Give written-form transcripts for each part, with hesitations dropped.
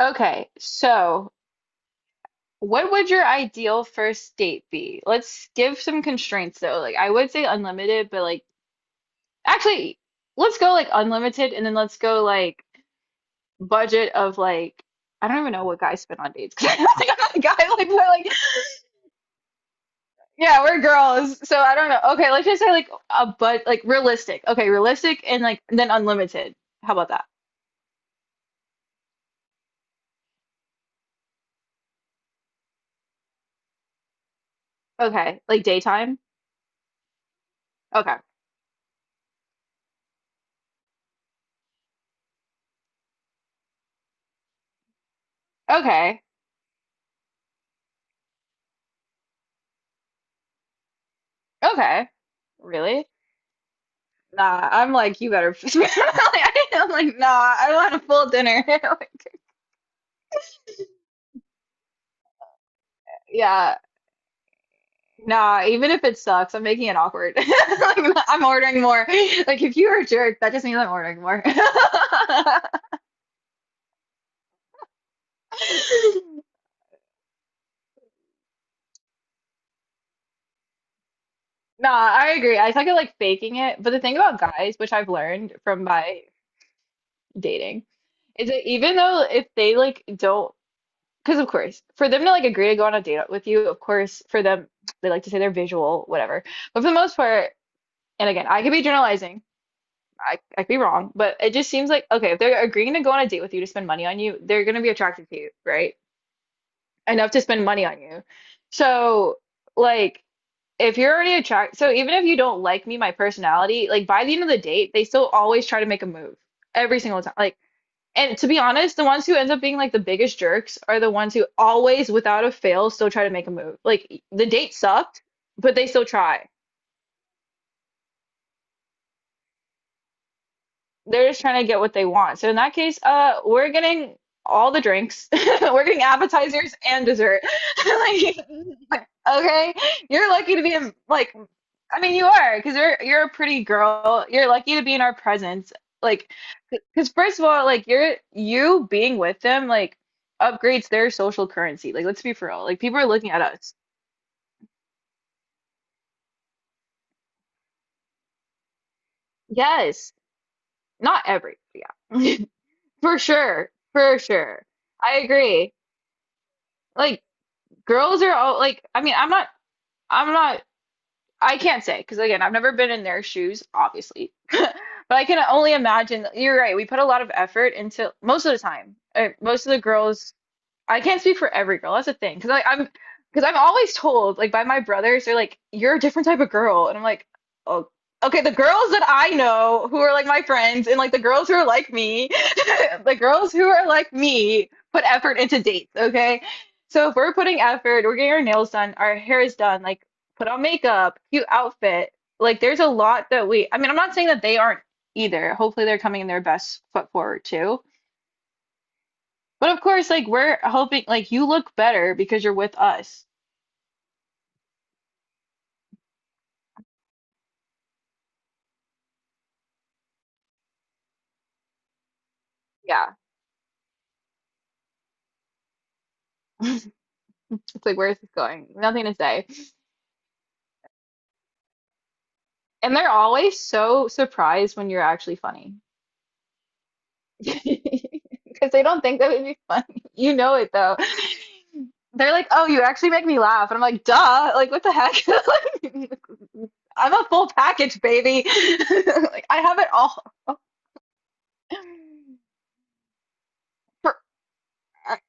Okay, so what would your ideal first date be? Let's give some constraints though. Like I would say unlimited, but like actually, let's go like unlimited and then let's go like budget of like I don't even know what guys spend on dates 'cause I don't think I'm not a guy like we're like yeah, we're girls. So I don't know. Okay, let's just say like a but like realistic. Okay, realistic and then unlimited. How about that? Okay, like daytime? Okay. Okay. Okay. Really? Nah, I'm like, you better. I'm like, nah, I want a full dinner. Like, yeah, nah, even if it sucks, I'm making it awkward. Like, I'm ordering more. Like, if you're a jerk, that just means I'm ordering more. Nah, I agree. I think I like faking it. But the thing about guys, which I've learned from my dating, is that even though if they like don't, because of course, for them to like agree to go on a date with you, of course, for them, they like to say they're visual, whatever. But for the most part, and again, I could be generalizing. I could be wrong, but it just seems like okay, if they're agreeing to go on a date with you to spend money on you, they're gonna be attracted to you, right? Enough to spend money on you. So, like, if you're already attract, so even if you don't like me, my personality, like by the end of the date, they still always try to make a move every single time. Like, and to be honest, the ones who end up being like the biggest jerks are the ones who always, without a fail, still try to make a move. Like the date sucked, but they still try. They're just trying to get what they want. So in that case, we're getting all the drinks. We're getting appetizers and dessert. Like, okay, you're lucky to be in like I mean you are because you're a pretty girl. You're lucky to be in our presence. Like, because first of all, like you being with them like upgrades their social currency. Like, let's be for real. Like people are looking at us. Yes, not every yeah, for sure, for sure. I agree. Like Girls are all like, I mean, I'm not, I can't say because again, I've never been in their shoes, obviously. But I can only imagine, you're right, we put a lot of effort into most of the time. Most of the girls I can't speak for every girl. That's a thing. Because like I'm, because I'm always told like by my brothers, they're like, "You're a different type of girl," and I'm like, "Oh, okay." The girls that I know who are like my friends, and like the girls who are like me, the girls who are like me put effort into dates. Okay, so if we're putting effort, we're getting our nails done, our hair is done, like put on makeup, cute outfit. Like there's a lot that we. I mean, I'm not saying that they aren't either. Hopefully, they're coming in their best foot forward too but of course, like we're hoping like you look better because you're with us. Yeah. It's like, where is this going? Nothing to say. And they're always so surprised when you're actually funny. Because they don't think that would be funny. You know it though. They're like, oh, you actually make me laugh. And I'm like, duh. Like, what the heck? Like, I'm a full package, baby. Like, I have it all. For-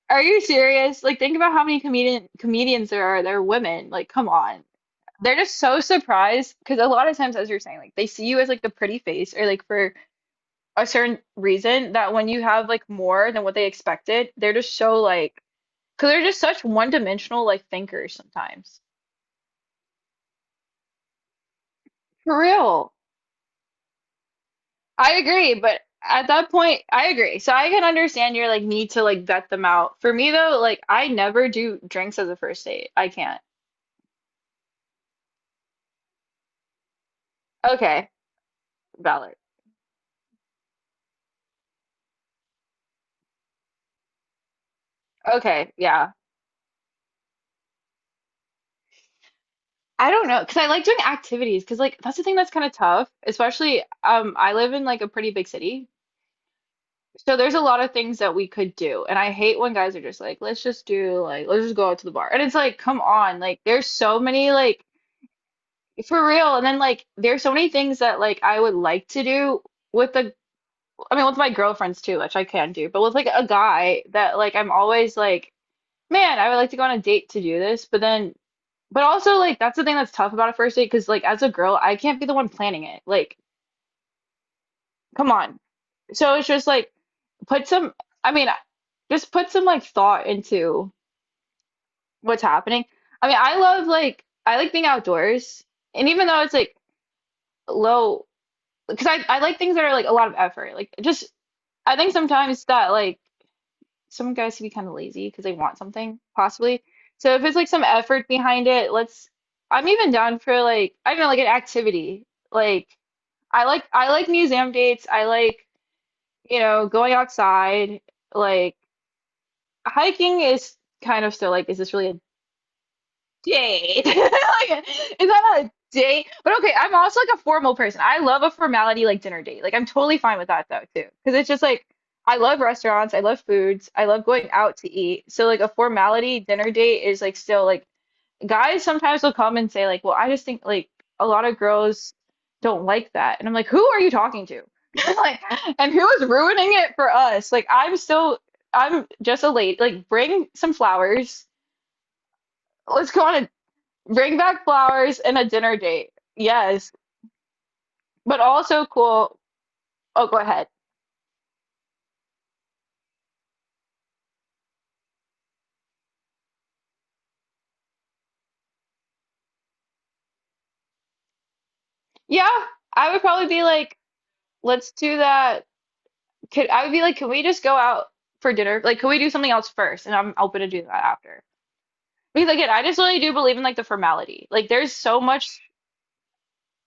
Are you serious? Like, think about how many comedians there are. They're women. Like, come on. They're just so surprised because a lot of times, as you're saying, like they see you as like a pretty face or like for a certain reason that when you have like more than what they expected, they're just so like because they're just such one-dimensional like thinkers sometimes. For real. I agree, but at that point, I agree. So I can understand your like need to like vet them out. For me though, like I never do drinks as a first date. I can't. Okay, valid. Okay, yeah. I don't know, because I like doing activities, because like that's the thing that's kind of tough, especially I live in like a pretty big city. So there's a lot of things that we could do. And I hate when guys are just like, let's just do like let's just go out to the bar. And it's like, come on, like there's so many like for real. And then like there's so many things that like I would like to do with the I mean with my girlfriends too, which I can do, but with like a guy that like I'm always like, man, I would like to go on a date to do this, but then But also, like, that's the thing that's tough about a first date because, like, as a girl, I can't be the one planning it. Like, come on. So it's just like, put some, I mean, just put some, like, thought into what's happening. I mean, I love, like, I like being outdoors. And even though it's, like, low, because I like things that are, like, a lot of effort. Like, just, I think sometimes that, like, some guys can be kind of lazy because they want something, possibly. So if it's, like, some effort behind it, let's, I'm even down for, like, I don't know, like, an activity. Like, I like museum dates. I like, you know, going outside. Like hiking is kind of still like, is this really a date? Like, is that a date? But okay, I'm also like a formal person. I love a formality like dinner date. Like I'm totally fine with that though too. Because it's just like I love restaurants, I love foods, I love going out to eat. So like a formality dinner date is like still like guys sometimes will come and say like, "Well, I just think like a lot of girls don't like that," and I'm like, "Who are you talking to?" Like, and who is ruining it for us? Like, I'm still, I'm just a lady. Like, bring some flowers. Let's go on a bring back flowers and a dinner date. Yes, but also cool. Oh, go ahead. Yeah, I would probably be like, let's do that. Could I would be like, can we just go out for dinner? Like, can we do something else first? And I'm open to do that after. Because again, I just really do believe in like the formality. Like there's so much,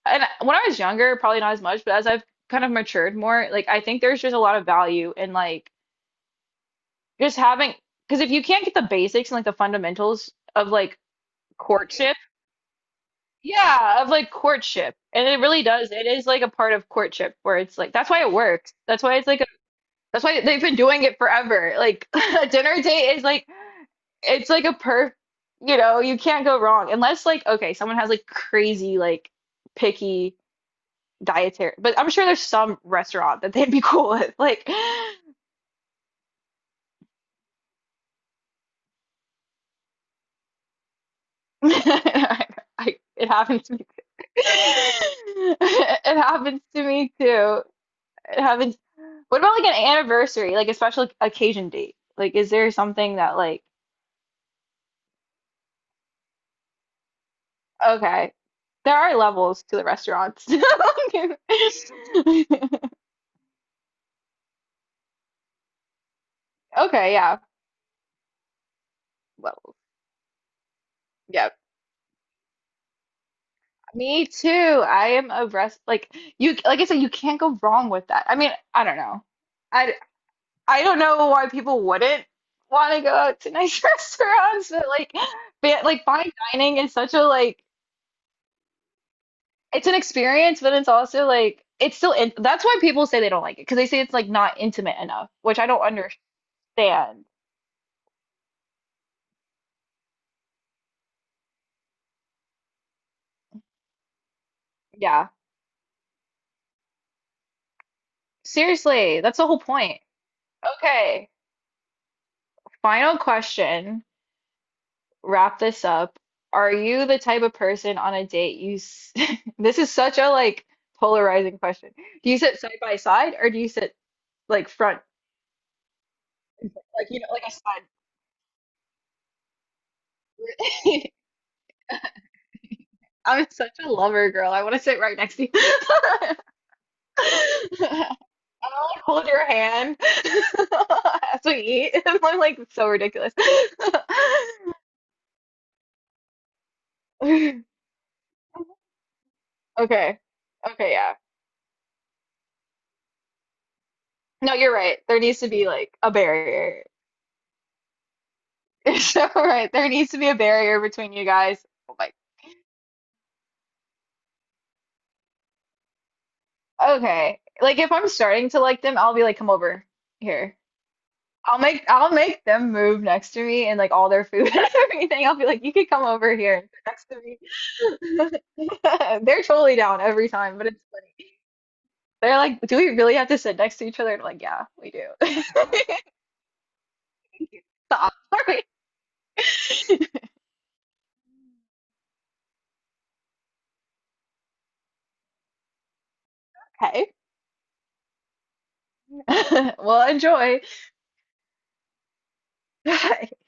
and when I was younger, probably not as much, but as I've kind of matured more, like I think there's just a lot of value in like just having, because if you can't get the basics and like the fundamentals of like courtship, yeah, of like courtship, and it really does. It is like a part of courtship where it's like that's why it works. That's why it's like a, that's why they've been doing it forever. Like a dinner date is like it's like a perf you know you can't go wrong unless like okay someone has like crazy like picky dietary but I'm sure there's some restaurant that they'd be cool with like I, it happens to me it happens to me too it happens what about like an anniversary like a special occasion date like is there something that like okay there are levels to the restaurants okay yeah levels yeah Me too. I am a rest like you like I said, you can't go wrong with that. I mean, I don't know. I I don't know why people wouldn't want to go out to nice restaurants, but like fine dining is such a like it's an experience, but it's also like it's still in that's why people say they don't like it because they say it's like not intimate enough, which I don't understand. Yeah. Seriously, that's the whole point. Okay. Final question. Wrap this up. Are you the type of person on a date you s- this is such a like polarizing question. Do you sit side by side or do you sit like front like you know like a side? I'm such a lover girl. I want to sit right next to you. I want to hold your hand as we eat. I'm like so ridiculous. Okay. Okay, yeah. No, you're right. There needs to be like a barrier. So, right, there needs to be a barrier between you guys. Like, okay. Like if I'm starting to like them, I'll be like, come over here. I'll make them move next to me and like all their food and everything. I'll be like, you could come over here and sit next to me. They're totally down every time, but it's funny. They're like, do we really have to sit next to each other? And I'm like, yeah, we do. Stop. Okay. Well, enjoy.